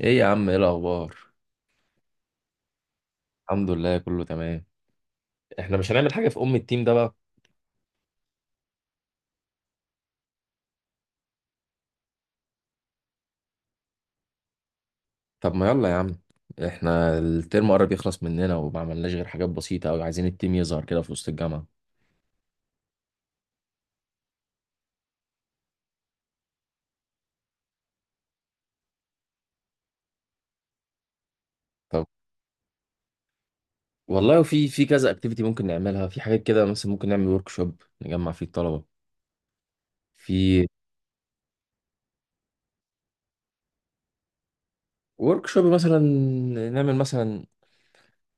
ايه يا عم، ايه الاخبار؟ الحمد لله، كله تمام. احنا مش هنعمل حاجه في ام التيم ده بقى؟ طب ما يلا يا عم. احنا الترم قرب يخلص مننا، وما عملناش غير حاجات بسيطه قوي. عايزين التيم يظهر كده في وسط الجامعه. طب والله في كذا اكتيفيتي ممكن نعملها، في حاجات كده. مثلا ممكن نعمل ورك شوب نجمع فيه الطلبه. في ورك شوب مثلا، نعمل مثلا،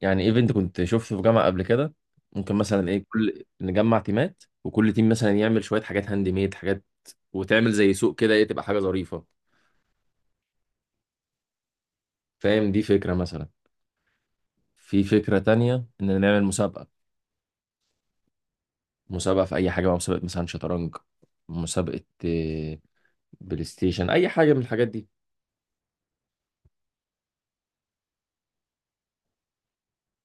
يعني ايفنت كنت شفته في جامعه قبل كده. ممكن مثلا ايه، كل نجمع تيمات وكل تيم مثلا يعمل شويه حاجات هاند ميد، حاجات وتعمل زي سوق كده، ايه تبقى حاجه ظريفه. فاهم؟ دي فكرة مثلا. في فكرة تانية إن نعمل مسابقة، مسابقة في أي حاجة بقى، مسابقة مثلا شطرنج، مسابقة بلاي ستيشن، أي حاجة من الحاجات دي.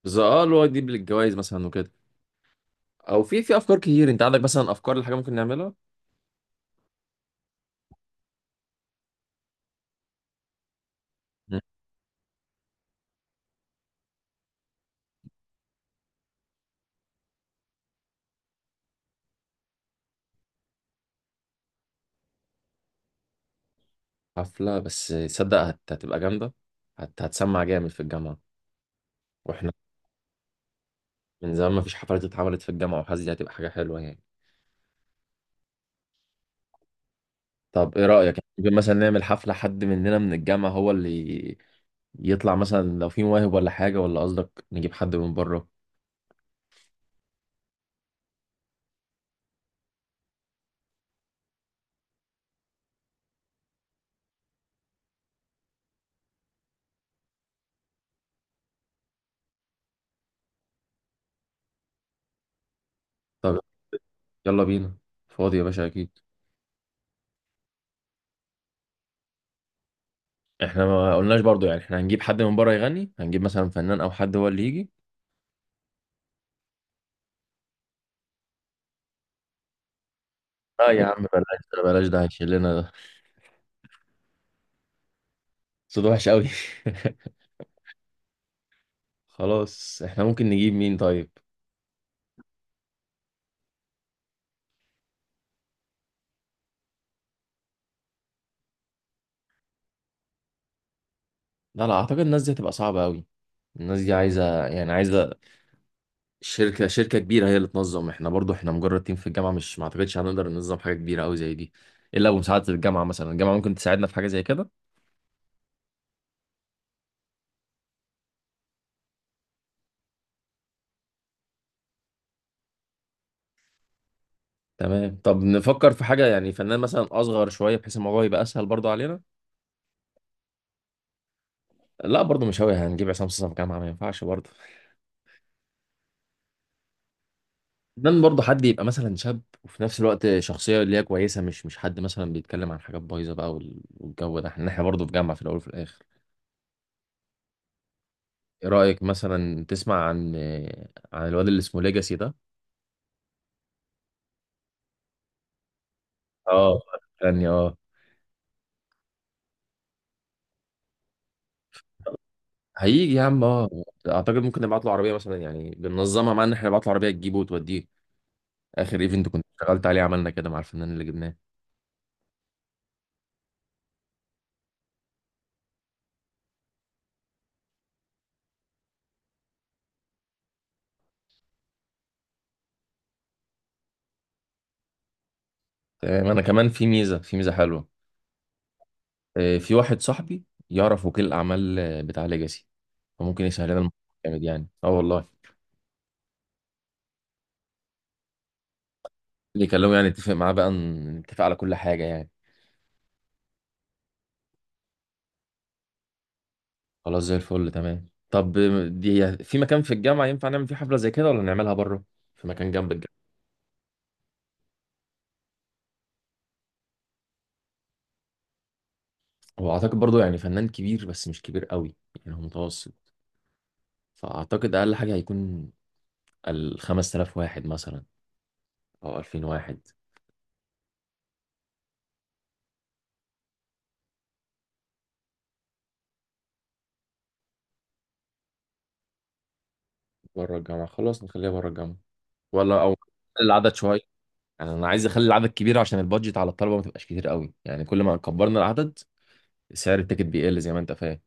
بس اه، اللي هو دي بالجوائز مثلا وكده. أو في أفكار كتير. أنت عندك مثلا أفكار لحاجة ممكن نعملها؟ مم. حفلة بس، تصدق هتبقى جامدة. هتسمع جامد في الجامعة. وإحنا من زمان ما فيش حفلات اتعملت في الجامعة، وحاسس دي هتبقى حاجة حلوة يعني. طب ايه رأيك؟ يعني ممكن مثلا نعمل حفلة، حد مننا من الجامعة هو اللي يطلع مثلا لو في مواهب ولا حاجة، ولا قصدك نجيب حد من بره؟ طب يلا بينا، فاضي يا باشا اكيد. احنا ما قلناش برضو، يعني احنا هنجيب حد من بره يغني؟ هنجيب مثلا فنان او حد هو اللي يجي؟ لا يا عم، بلاش ده، بلاش ده هيشيلنا، ده صوت وحش قوي. خلاص، احنا ممكن نجيب مين طيب؟ لا لا، اعتقد الناس دي هتبقى صعبة قوي. الناس دي عايزة، يعني عايزة شركة كبيرة هي اللي تنظم. احنا برضو احنا مجرد تيم في الجامعة، مش، ما اعتقدش هنقدر ننظم حاجة كبيرة قوي زي دي الا بمساعدة الجامعة. مثلا الجامعة ممكن تساعدنا في حاجة زي كده. تمام، طب نفكر في حاجة، يعني فنان مثلا اصغر شوية بحيث الموضوع يبقى اسهل برضو علينا. لا برضو مش هوي، هنجيب عصام صاصا في الجامعة؟ ما ينفعش برضو. فنان برضو حد يبقى مثلا شاب، وفي نفس الوقت شخصية اللي هي كويسة، مش حد مثلا بيتكلم عن حاجات بايظة بقى، والجو ده، احنا برضو في جامعة في الاول وفي الاخر. ايه رأيك مثلا تسمع عن عن الواد اللي اسمه ليجاسي ده؟ اه، فني اه. هيجي يا عم اه. اعتقد ممكن نبعت له عربيه مثلا، يعني بننظمها، مع ان احنا نبعت له عربيه تجيبه وتوديه. اخر ايفنت كنت اشتغلت عليه عملنا كده مع الفنان اللي جبناه. تمام. انا كمان في ميزه، في ميزه حلوه. في واحد صاحبي يعرف وكيل الاعمال، بتاع ليجاسي، فممكن يسهل لنا الموضوع. جامد يعني، اه والله. اللي يكلمه يعني نتفق معاه بقى، نتفق على كل حاجه يعني. خلاص، زي الفل، تمام. طب دي في مكان في الجامعه ينفع نعمل فيه حفله زي كده، ولا نعملها بره؟ في مكان جنب الجامعه. هو اعتقد برضه يعني فنان كبير بس مش كبير قوي، يعني هو متوسط. فأعتقد أقل حاجة هيكون الخمس آلاف واحد مثلا، أو ألفين واحد. بره الجامعة، خلاص نخليها بره الجامعة. ولا أو نقلل العدد شوية؟ يعني أنا عايز أخلي العدد كبير عشان البادجت على الطلبة ما تبقاش كتير قوي، يعني كل ما كبرنا العدد سعر التيكت بيقل زي ما أنت فاهم.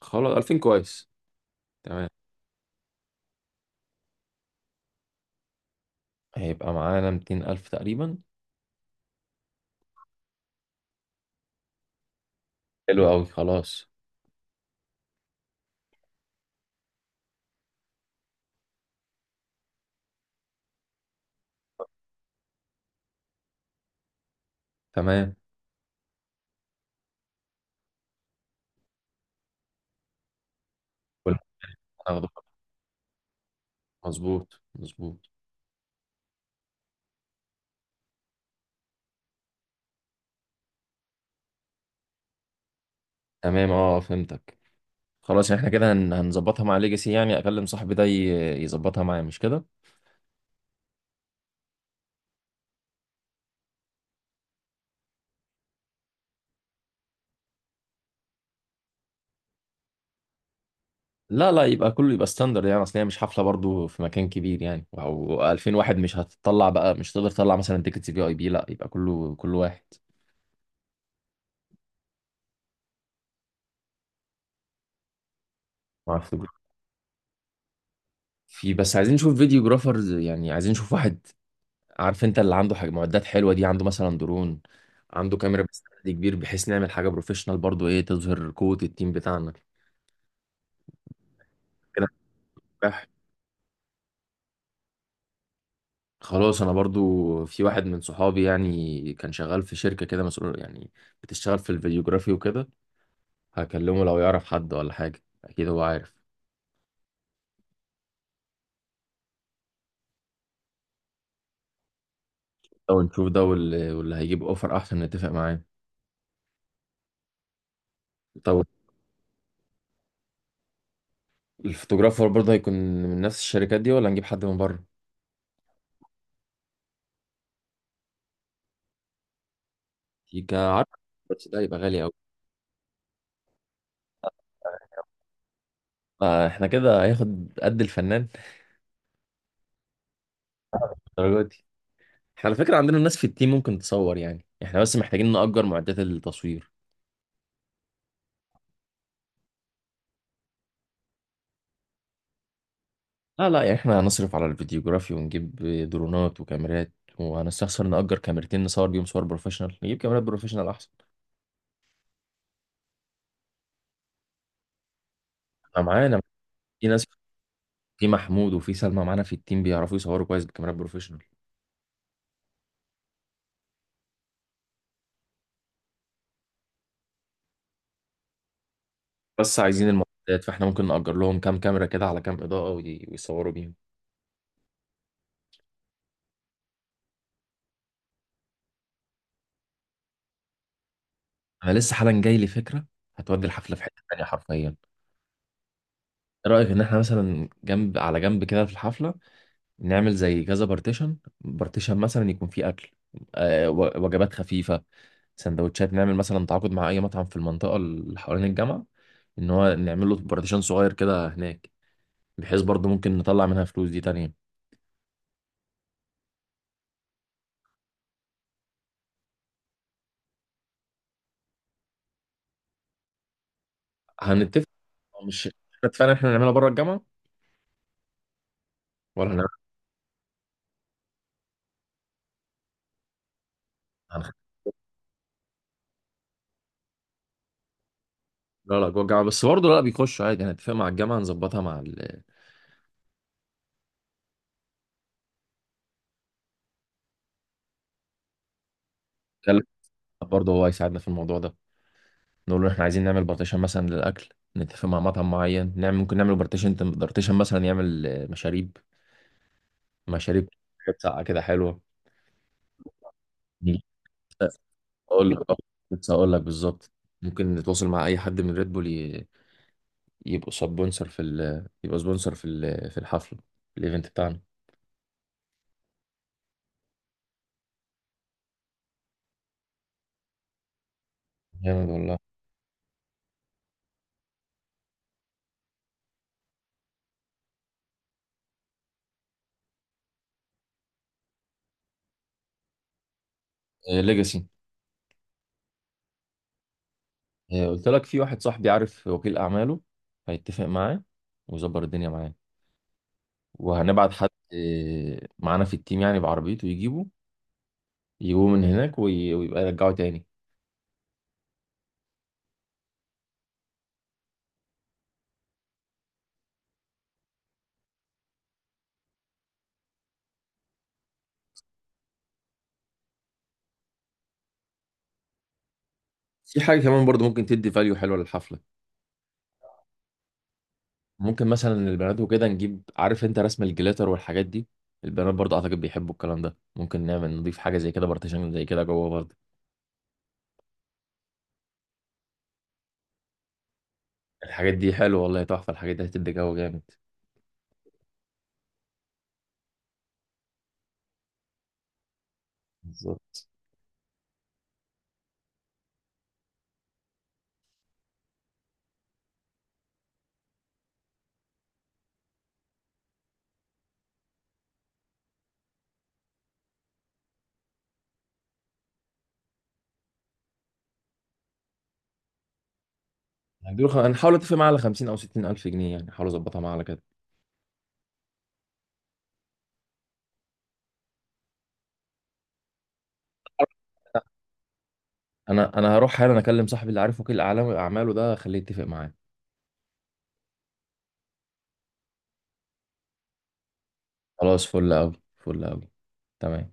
خلاص 2000 كويس، تمام. هيبقى معانا ميتين ألف تقريبا. حلو أوي، خلاص. تمام، كل ما هناخده، مظبوط مظبوط. تمام، أه فهمتك. خلاص، يعني إحنا كده هنظبطها مع ليجاسي، يعني أكلم صاحبي ده يظبطها معايا، مش كده؟ لا لا، يبقى كله يبقى ستاندرد يعني، اصل هي مش حفله برضو في مكان كبير يعني، او 2000 واحد مش هتطلع بقى، مش تقدر تطلع مثلا تيكتس في اي بي، لا يبقى كله كل واحد. ما اعرفش. في بس عايزين نشوف فيديو جرافرز، يعني عايزين نشوف واحد. عارف انت اللي عنده حاجه معدات حلوه دي، عنده مثلا درون، عنده كاميرا بستند كبير، بحيث نعمل حاجه بروفيشنال برضو ايه تظهر قوه التيم بتاعنا. كده نجح. خلاص، انا برضو في واحد من صحابي، يعني كان شغال في شركه كده مسؤول يعني، بتشتغل في الفيديوجرافي وكده. هكلمه لو يعرف حد ولا حاجة، أكيد هو عارف. لو نشوف ده واللي هيجيب أوفر أحسن نتفق معاه. طب الفوتوغرافر برضه هيكون من نفس الشركات دي، ولا نجيب حد من بره؟ يبقى عارف. بس ده يبقى غالي أوي. احنا كده هياخد قد الفنان، الدرجة دي. احنا على فكرة عندنا ناس في التيم ممكن تصور، يعني احنا بس محتاجين نأجر معدات التصوير. لا لا، يعني احنا هنصرف على الفيديوغرافي ونجيب درونات وكاميرات، وهنستخسر نأجر كاميرتين نصور بيهم صور بروفيشنال؟ نجيب كاميرات بروفيشنال أحسن. أنا معانا في ناس، في محمود وفي سلمى معانا في التيم بيعرفوا يصوروا كويس بكاميرات بروفيشنال. بس عايزين المعدات، فاحنا ممكن نأجر لهم كام كاميرا كده، على كام إضاءة ويصوروا بيهم. انا لسه حالا جاي لي فكرة هتودي الحفلة في حتة تانية حرفيا. ايه رأيك ان احنا مثلا جنب على جنب كده في الحفلة، نعمل زي كذا بارتيشن، بارتيشن مثلا يكون فيه أكل، وجبات خفيفة، سندوتشات. نعمل مثلا تعاقد مع اي مطعم في المنطقة اللي حوالين الجامعة، ان هو نعمل له بارتيشن صغير كده هناك، بحيث برضه ممكن نطلع منها فلوس دي تانية. هنتفق. مش احنا فعلا احنا هنعملها بره الجامعه، ولا هنعمل؟ هنخ- لا لا، جوه الجامعه بس برضه، لا بيخشوا عادي، هنتفق مع الجامعه نظبطها مع ال... برضه هو هيساعدنا في الموضوع ده. نقول له احنا عايزين نعمل بارتيشن مثلا للاكل، نتفق مع مطعم معين نعمل، ممكن نعمل بارتيشن مثلا يعمل مشاريب، مشاريب، حاجات ساقعه كده حلوه. نيجي- اقول لك كنت هقول لك بالظبط. ممكن نتواصل مع اي حد من ريد بول يبقوا سبونسر في ال... يبقى سبونسر في ال... في الحفله، في الايفنت بتاعنا. جامد والله. ليجاسي، قلت لك في واحد صاحبي عارف وكيل أعماله، هيتفق معاه ويظبط الدنيا معاه. وهنبعت حد معانا في التيم يعني بعربيته يجيبه، يجيبوه من هناك ويبقى يرجعه تاني. في حاجة كمان برضو ممكن تدي فاليو حلوة للحفلة. ممكن مثلا البنات وكده نجيب، عارف انت رسم الجليتر والحاجات دي؟ البنات برضو اعتقد بيحبوا الكلام ده، ممكن نعمل، نضيف حاجة زي كده، بارتيشن زي كده جوه برضو. الحاجات دي حلوة والله، تحفة، الحاجات دي هتدي جو جامد. بالظبط. هنديله هنحاول اتفق معاه على 50 او 60 الف جنيه يعني، هحاول اظبطها معاه على كده. انا هروح حالا اكلم صاحبي اللي عارف وكيل اعلام اعماله ده، خليه يتفق معايا. خلاص، فل قوي، فل قوي، تمام.